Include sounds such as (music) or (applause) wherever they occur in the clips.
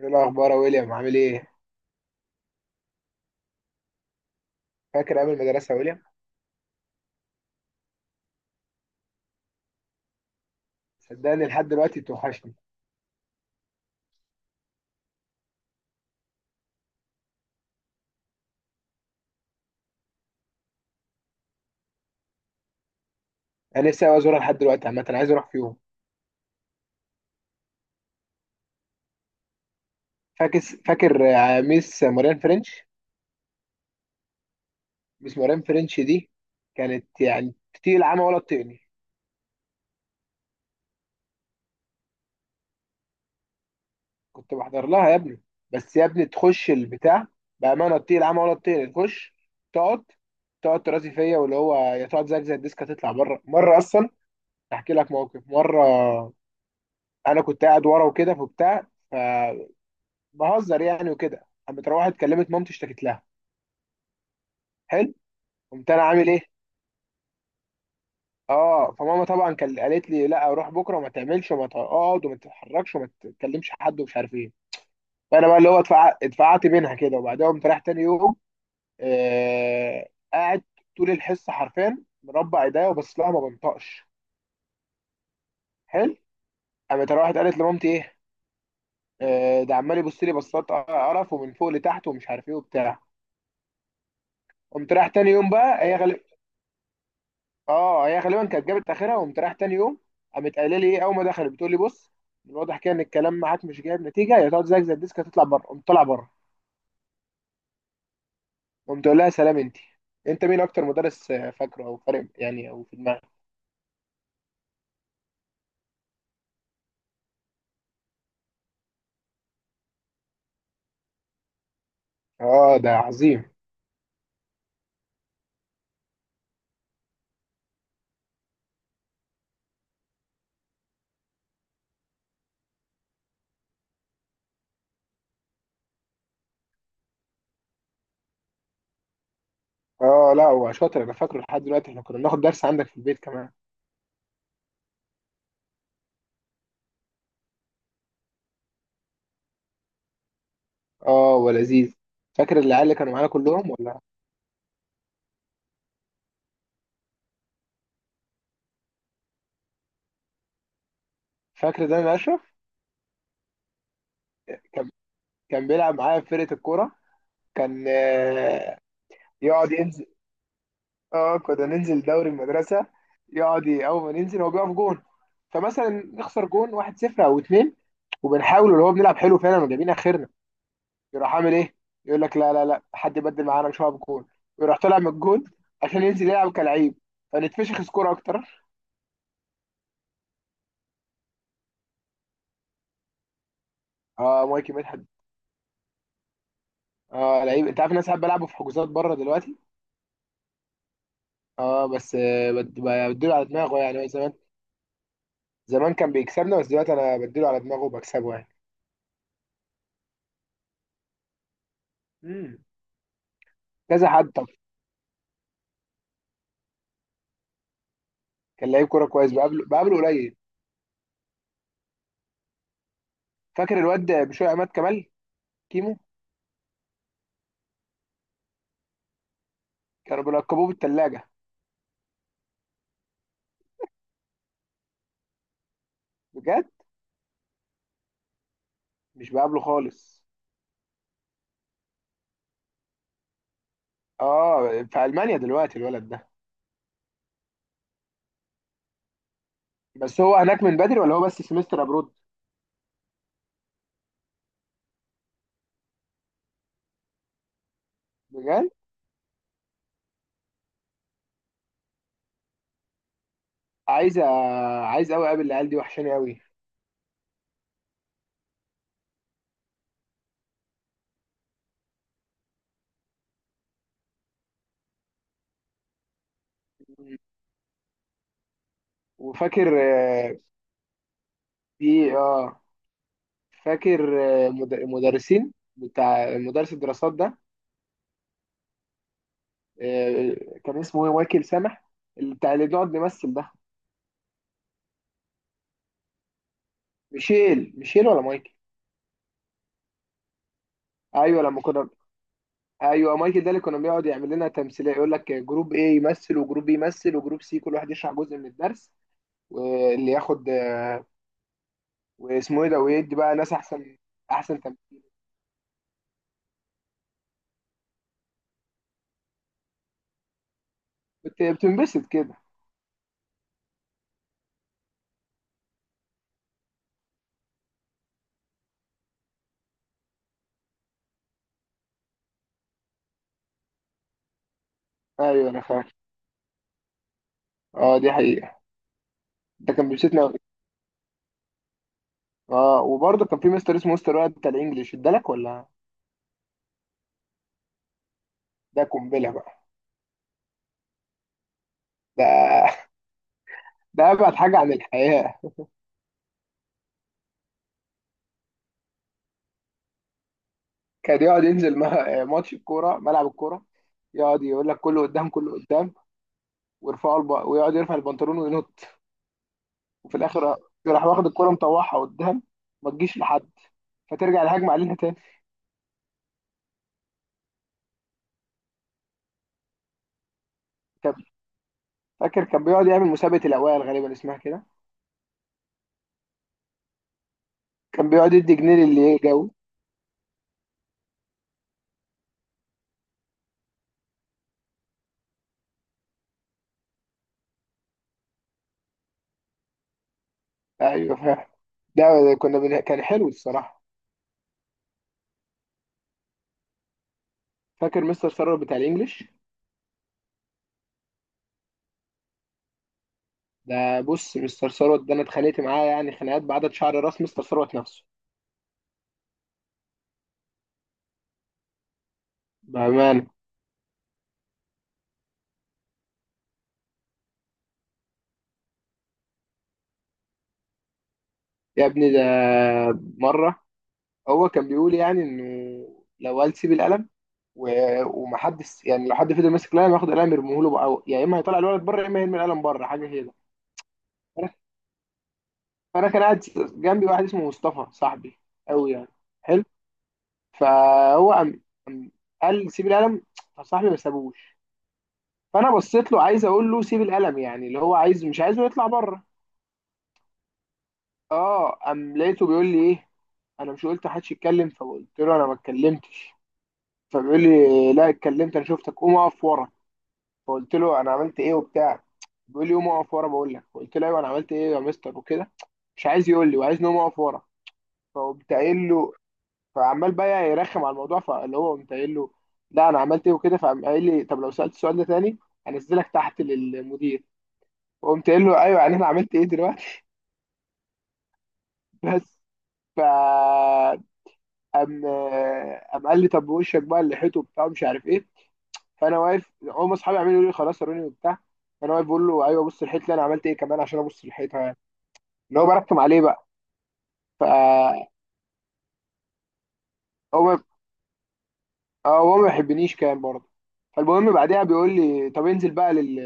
ايه الاخبار يا ويليام عامل ايه؟ فاكر ايام المدرسه يا ويليام؟ صدقني لحد دلوقتي توحشني. انا نفسي أوي ازورها لحد دلوقتي، عامه انا عايز اروح في يوم. فاكر ميس موريان فرنش. ميس موريان فرنش دي كانت يعني تطير العمى ولا تطيقني. كنت بحضر لها يا ابني، بس يا ابني تخش البتاع. بامانه تطير العمى ولا تطيقني. تخش، تقعد، تقعد ترازي فيا واللي هو يا تقعد زيك زي الديسك هتطلع بره مره اصلا. احكي لك موقف مره. انا كنت قاعد ورا وكده فبتاع، بهزر يعني وكده، قامت روحت كلمت مامتي اشتكت لها. حلو. قمت انا عامل ايه؟ اه، فماما طبعا كان قالت لي لا روح بكره وما تعملش وما تقعد وما تتحركش وما تتكلمش حد ومش عارف ايه. فانا بقى اللي هو اتفقعت بينها كده، وبعدها قمت رايح تاني يوم. آه قاعد طول الحصه حرفيا، مربع ايديا وبص لها ما بنطقش. حلو. قامت روحت قالت لمامتي ايه؟ آه، ده عمال يبص لي بصات قرف ومن فوق لتحت ومش عارف ايه وبتاع. قمت رايح تاني يوم بقى هي. اه، هي غالبا كانت جابت اخرها، وقمت رايح تاني يوم. قامت قايله لي ايه اول ما دخلت، بتقول لي بص، من الواضح كده ان الكلام معاك مش جايب نتيجه، يا تقعد زيك زي الديسك هتطلع بره. قمت طالع بره. قمت اقول لها سلام. انت، انت مين اكتر مدرس فاكره او فارق يعني او في دماغك؟ اه، ده عظيم. اه، لا هو شاطر، انا فاكره لحد دلوقتي، احنا كنا بناخد درس عندك في البيت كمان. اه، ولذيذ. فاكر العيال اللي كانوا معانا كلهم ولا؟ فاكر ده، انا اشرف. كان كان بيلعب معايا في فرقه الكوره، كان يقعد ينزل. اه، كنا ننزل دوري المدرسه. يقعد اول ما ننزل هو بيقف جون، فمثلا نخسر جون 1-0 او 2، وبنحاول اللي هو بنلعب حلو فعلا وجايبين اخرنا. يروح عامل ايه؟ يقول لك لا لا لا، حد يبدل معانا، مش هقف جون. ويروح طالع من الجون عشان ينزل يلعب كلعيب، فنتفشخ سكور اكتر. اه، مايكي مدحت. اه، لعيب، انت عارف إن انا ساعات بلعبه في حجوزات بره دلوقتي. اه، بس بديله على دماغه يعني. زمان، زمان كان بيكسبنا، بس دلوقتي انا بديله على دماغه وبكسبه يعني. امم كذا حد طب. كان لعيب كوره كويس، بقابله بقابله قليل. فاكر الواد بشوية عماد كمال، كيمو؟ كانوا بيلقبوه بالثلاجة. بجد، مش بقابله خالص. اه، في ألمانيا دلوقتي الولد ده. بس هو هناك من بدري ولا هو بس سمستر ابرود؟ بجد. عايز أ- عايز قوي اقابل العيال دي، وحشاني قوي. وفاكر آه، في اه فاكر آه، مدرسين، بتاع مدرس الدراسات ده. آه، كان اسمه ايه؟ مايكل سامح، اللي بتاع اللي بنقعد نمثل ده. ميشيل، ميشيل ولا مايكل؟ ايوه لما كنا، ايوه مايكل ده اللي كنا بيقعد يعمل لنا تمثيليه، يقول لك جروب ايه يمثل وجروب بي يمثل وجروب سي، كل واحد يشرح جزء من الدرس. واللي ياخد، واسمه ايه ده، ويدي بقى ناس احسن. احسن تمثيل. كنت بتنبسط كده. ايوه انا فاكر. اه دي حقيقه، ده كان بيبسطني أوي. اه، وبرضه كان في مستر اسمه مستر وائل بتاع الانجليش ادالك ولا؟ ده قنبله بقى. ده (laughs) ده ابعد حاجه عن الحياه. كان يقعد ينزل ماتش الكوره، ملعب الكوره. يقعد يقول لك كله قدام كله قدام، ويرفعوا ويقعد يرفع البنطلون وينط. وفي الاخر راح واخد الكرة مطوعها قدام، ما تجيش لحد، فترجع الهجمة علينا تاني. كان، فاكر كان بيقعد يعمل مسابقة الأوائل غالبا اسمها كده. كان بيقعد يدي جنيه للي يجاوب. أيوه فاهم. ده كان حلو الصراحة. فاكر مستر ثروت بتاع الإنجليش؟ ده بص، مستر ثروت ده أنا اتخانقت معاه يعني خناقات بعدد شعر راس مستر ثروت نفسه. بأمانة. يا ابني ده، مرة، هو كان بيقول يعني إنه لو قال سيب القلم، ومحدش يعني لو حد فضل ماسك القلم ياخد قلم يرميه له بقى يا اما هيطلع الولد بره يا اما يرمي القلم بره، حاجه كده. فانا فأنا كان قاعد جنبي واحد اسمه مصطفى، صاحبي قوي يعني. حلو. فهو قام، قام قال لي سيب القلم. فصاحبي ما سابوش. فانا بصيت له عايز اقول له سيب القلم، يعني اللي هو عايز، مش عايزه يطلع بره. اه، قام لقيته بيقول لي ايه؟ انا مش قلت محدش يتكلم؟ فقلت له انا ما اتكلمتش. فبيقول لي لا اتكلمت، انا شفتك، قوم اقف ورا. فقلت له انا عملت ايه وبتاع. بيقول لي قوم اقف ورا، بقول لك قلت له ايوه انا عملت ايه يا مستر وكده. مش عايز يقول لي، وعايز نقوم اقف ورا. فقمت قايل له، فعمال بقى يرخم على الموضوع، فاللي هو قمت قايل له لا انا عملت ايه وكده. فقام قايل لي طب لو سالت السؤال ده تاني هنزلك تحت للمدير. وقمت قايل له ايوه يعني، انا عملت ايه دلوقتي؟ (laughs) بس. ف قام، قال لي طب وشك بقى اللي حيته وبتاع مش عارف ايه. فانا واقف، هم اصحابي عمالين يقولوا لي خلاص اروني وبتاع. فانا واقف بقول له ايوه بص الحيط اللي انا عملت ايه كمان عشان ابص الحيطه، اللي هو برخم عليه بقى. فهو ما- اه هو ما بيحبنيش كان برضه. فالمهم بعدها بيقول لي طب انزل بقى لل،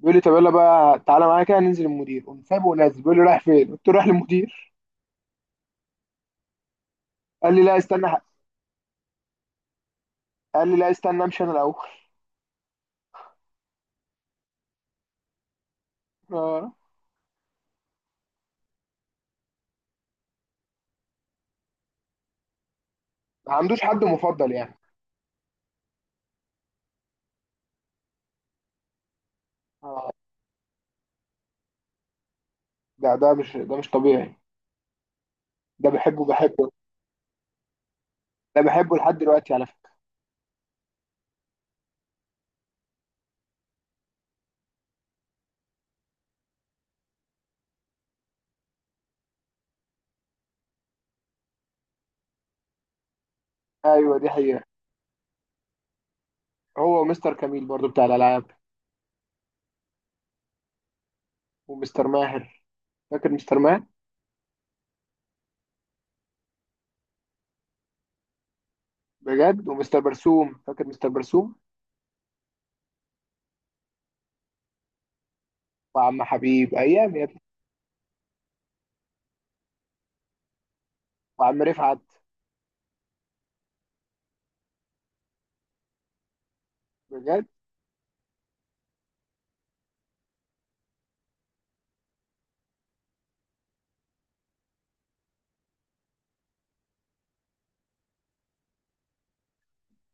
بيقول لي طب يلا بقى تعالى معايا كده ننزل المدير. قمت سايبه ونازل، بيقول لي رايح فين؟ قلت له رايح للمدير. قال لي لا استنى. قال لي لا استنى امشي انا الاول. اه، ما عندوش حد مفضل يعني. اه، ده مش طبيعي. ده بحبه بحبه، ده بحبه لحد دلوقتي على فكره. ايوه دي حقيقه. هو ومستر كميل برضه بتاع الالعاب، ومستر ماهر. فاكر مستر ماهر؟ بجد. ومستر برسوم، فاكر مستر برسوم؟ وعم حبيب ايام يا ابني. وعم رفعت. بجد.